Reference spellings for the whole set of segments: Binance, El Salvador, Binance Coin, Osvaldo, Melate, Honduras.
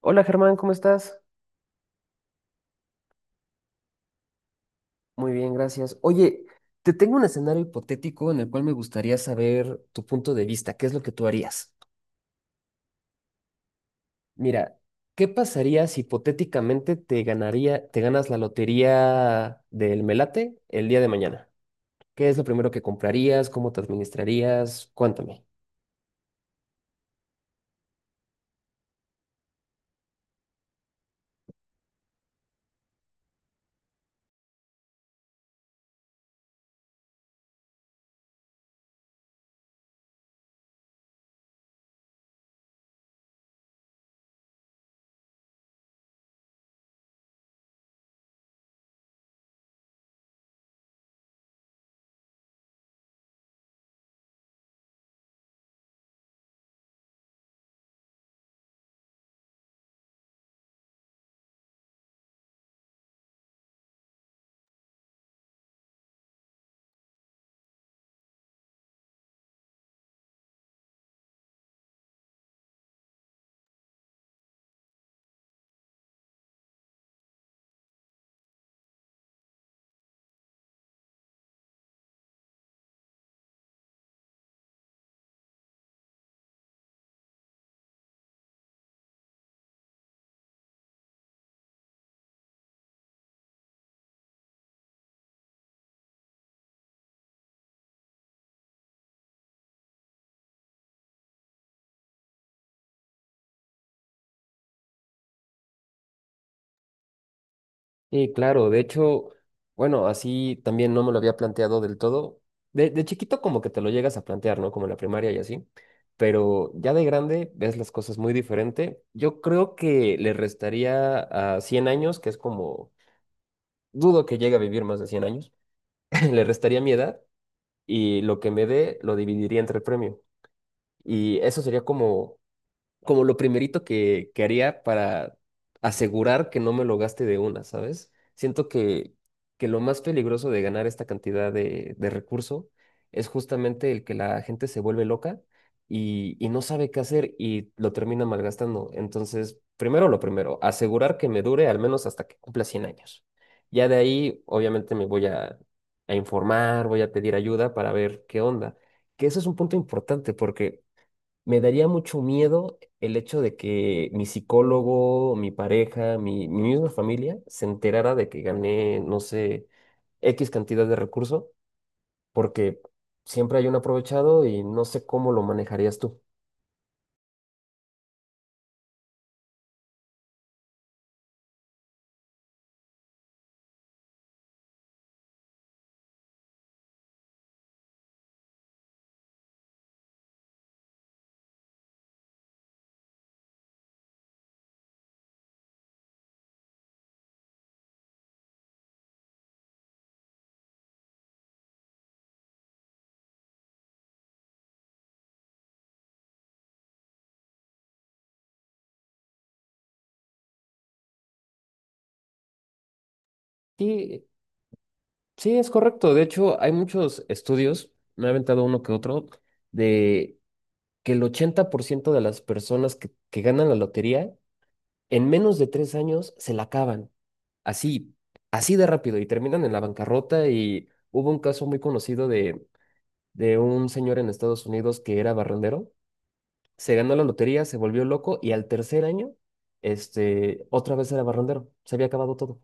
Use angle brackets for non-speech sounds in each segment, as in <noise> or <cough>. Hola Germán, ¿cómo estás? Muy bien, gracias. Oye, te tengo un escenario hipotético en el cual me gustaría saber tu punto de vista, qué es lo que tú harías. Mira, ¿qué pasaría si hipotéticamente te ganas la lotería del Melate el día de mañana? ¿Qué es lo primero que comprarías? ¿Cómo te administrarías? Cuéntame. Sí, claro, de hecho, bueno, así también no me lo había planteado del todo. De chiquito como que te lo llegas a plantear, ¿no? Como en la primaria y así, pero ya de grande ves las cosas muy diferente. Yo creo que le restaría a 100 años, que es como, dudo que llegue a vivir más de 100 años, <laughs> le restaría mi edad y lo que me dé lo dividiría entre el premio. Y eso sería como lo primerito que haría para asegurar que no me lo gaste de una, ¿sabes? Siento que lo más peligroso de ganar esta cantidad de recurso es justamente el que la gente se vuelve loca y no sabe qué hacer y lo termina malgastando. Entonces, primero lo primero, asegurar que me dure al menos hasta que cumpla 100 años. Ya de ahí, obviamente, a informar, voy a pedir ayuda para ver qué onda. Que eso es un punto importante porque me daría mucho miedo el hecho de que mi psicólogo, mi pareja, mi misma familia se enterara de que gané, no sé, X cantidad de recurso, porque siempre hay un aprovechado y no sé cómo lo manejarías tú. Sí, sí, es correcto. De hecho, hay muchos estudios, me he aventado uno que otro, de que el 80% de las personas que ganan la lotería, en menos de 3 años se la acaban. Así, así de rápido y terminan en la bancarrota, y hubo un caso muy conocido de un señor en Estados Unidos que era barrendero, se ganó la lotería, se volvió loco y al tercer año, este, otra vez era barrendero, se había acabado todo.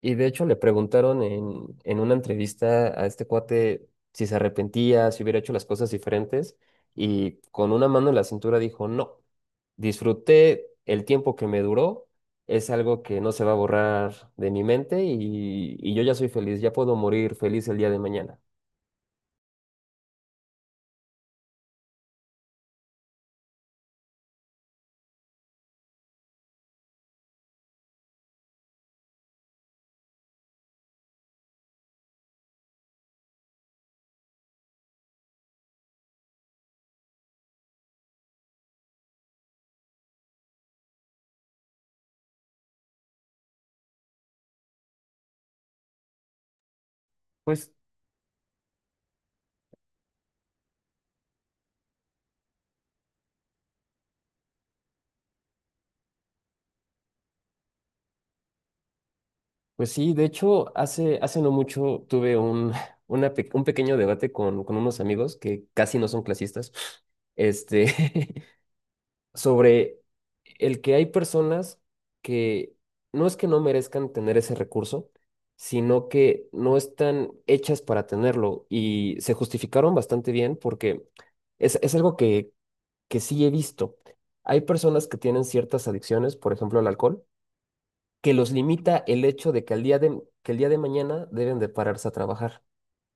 Y de hecho le preguntaron en una entrevista a este cuate si se arrepentía, si hubiera hecho las cosas diferentes, y con una mano en la cintura dijo, no, disfruté el tiempo que me duró, es algo que no se va a borrar de mi mente y yo ya soy feliz, ya puedo morir feliz el día de mañana. Pues, pues sí, de hecho, hace no mucho tuve un, <laughs> un pequeño debate con unos amigos que casi no son clasistas. Este, <laughs> sobre el que hay personas que no es que no merezcan tener ese recurso, sino que no están hechas para tenerlo, y se justificaron bastante bien porque es algo que sí he visto. Hay personas que tienen ciertas adicciones, por ejemplo, al alcohol, que los limita el hecho de que que el día de mañana deben de pararse a trabajar,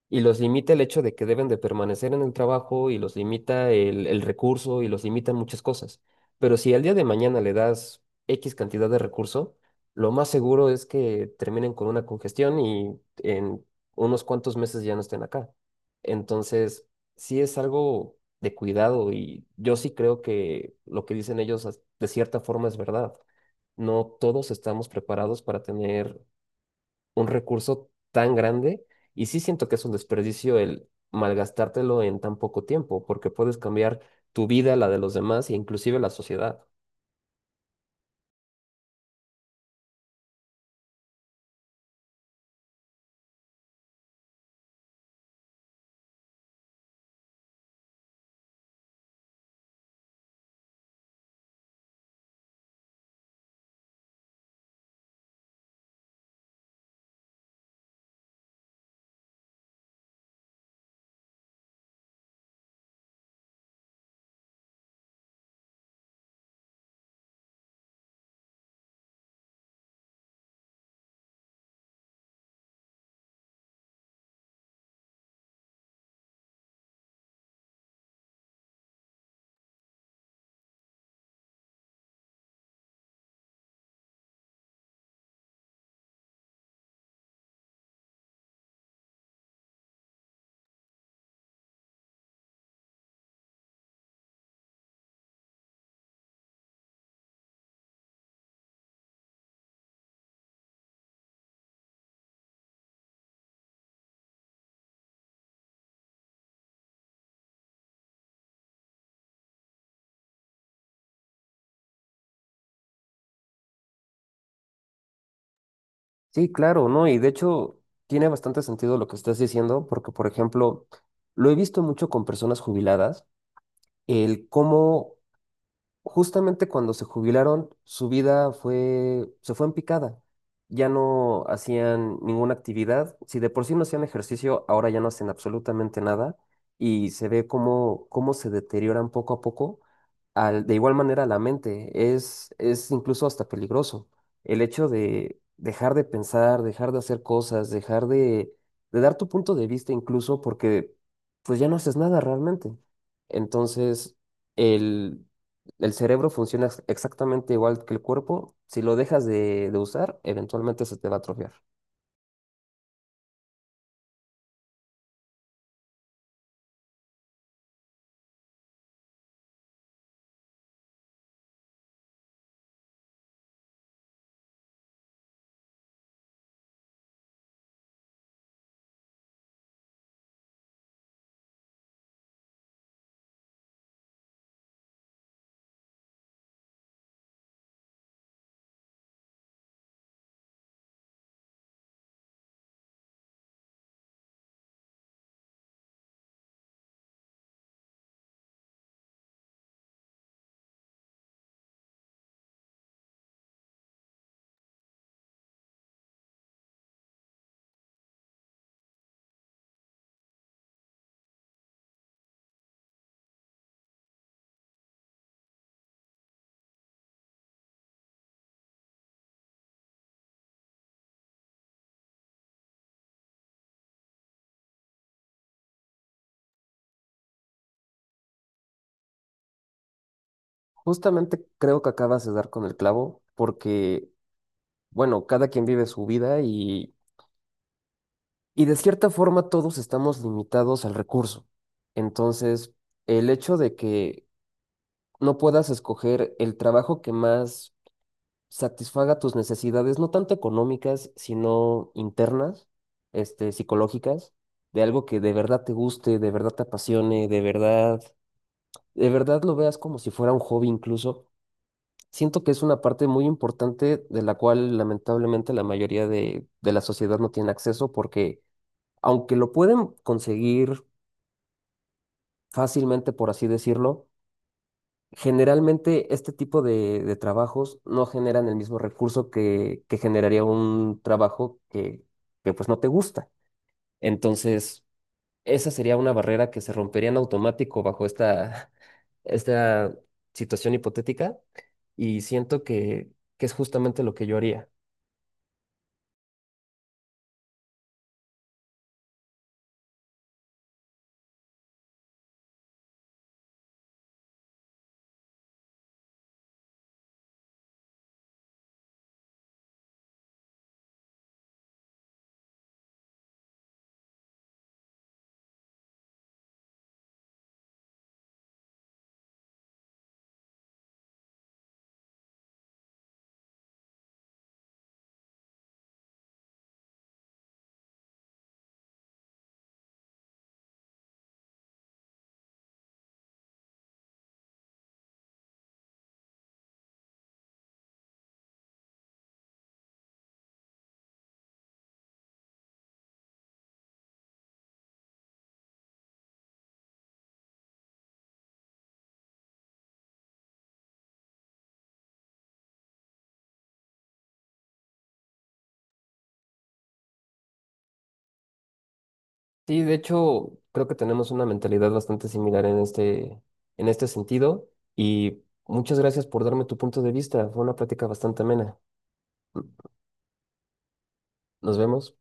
y los limita el hecho de que deben de permanecer en el trabajo, y los limita el recurso y los limitan muchas cosas. Pero si al día de mañana le das X cantidad de recurso, lo más seguro es que terminen con una congestión y en unos cuantos meses ya no estén acá. Entonces, sí es algo de cuidado y yo sí creo que lo que dicen ellos de cierta forma es verdad. No todos estamos preparados para tener un recurso tan grande, y sí siento que es un desperdicio el malgastártelo en tan poco tiempo, porque puedes cambiar tu vida, la de los demás e inclusive la sociedad. Sí, claro, ¿no? Y de hecho tiene bastante sentido lo que estás diciendo, porque, por ejemplo, lo he visto mucho con personas jubiladas, el cómo justamente cuando se jubilaron, su vida fue, se fue en picada. Ya no hacían ninguna actividad. Si de por sí no hacían ejercicio, ahora ya no hacen absolutamente nada. Y se ve cómo, cómo se deterioran poco a poco. De igual manera, la mente es incluso hasta peligroso. El hecho de dejar de pensar, dejar de hacer cosas, dejar de dar tu punto de vista incluso, porque pues ya no haces nada realmente. Entonces, el cerebro funciona exactamente igual que el cuerpo. Si lo dejas de usar, eventualmente se te va a atrofiar. Justamente creo que acabas de dar con el clavo porque, bueno, cada quien vive su vida, y de cierta forma todos estamos limitados al recurso. Entonces, el hecho de que no puedas escoger el trabajo que más satisfaga tus necesidades, no tanto económicas, sino internas, este, psicológicas, de algo que de verdad te guste, de verdad te apasione, de verdad lo veas como si fuera un hobby incluso. Siento que es una parte muy importante de la cual lamentablemente la mayoría de la sociedad no tiene acceso porque aunque lo pueden conseguir fácilmente, por así decirlo, generalmente este tipo de trabajos no generan el mismo recurso que generaría un trabajo que pues no te gusta. Entonces, esa sería una barrera que se rompería en automático bajo esta, <laughs> esta situación hipotética, y siento que es justamente lo que yo haría. Sí, de hecho, creo que tenemos una mentalidad bastante similar en este sentido, y muchas gracias por darme tu punto de vista. Fue una plática bastante amena. Nos vemos.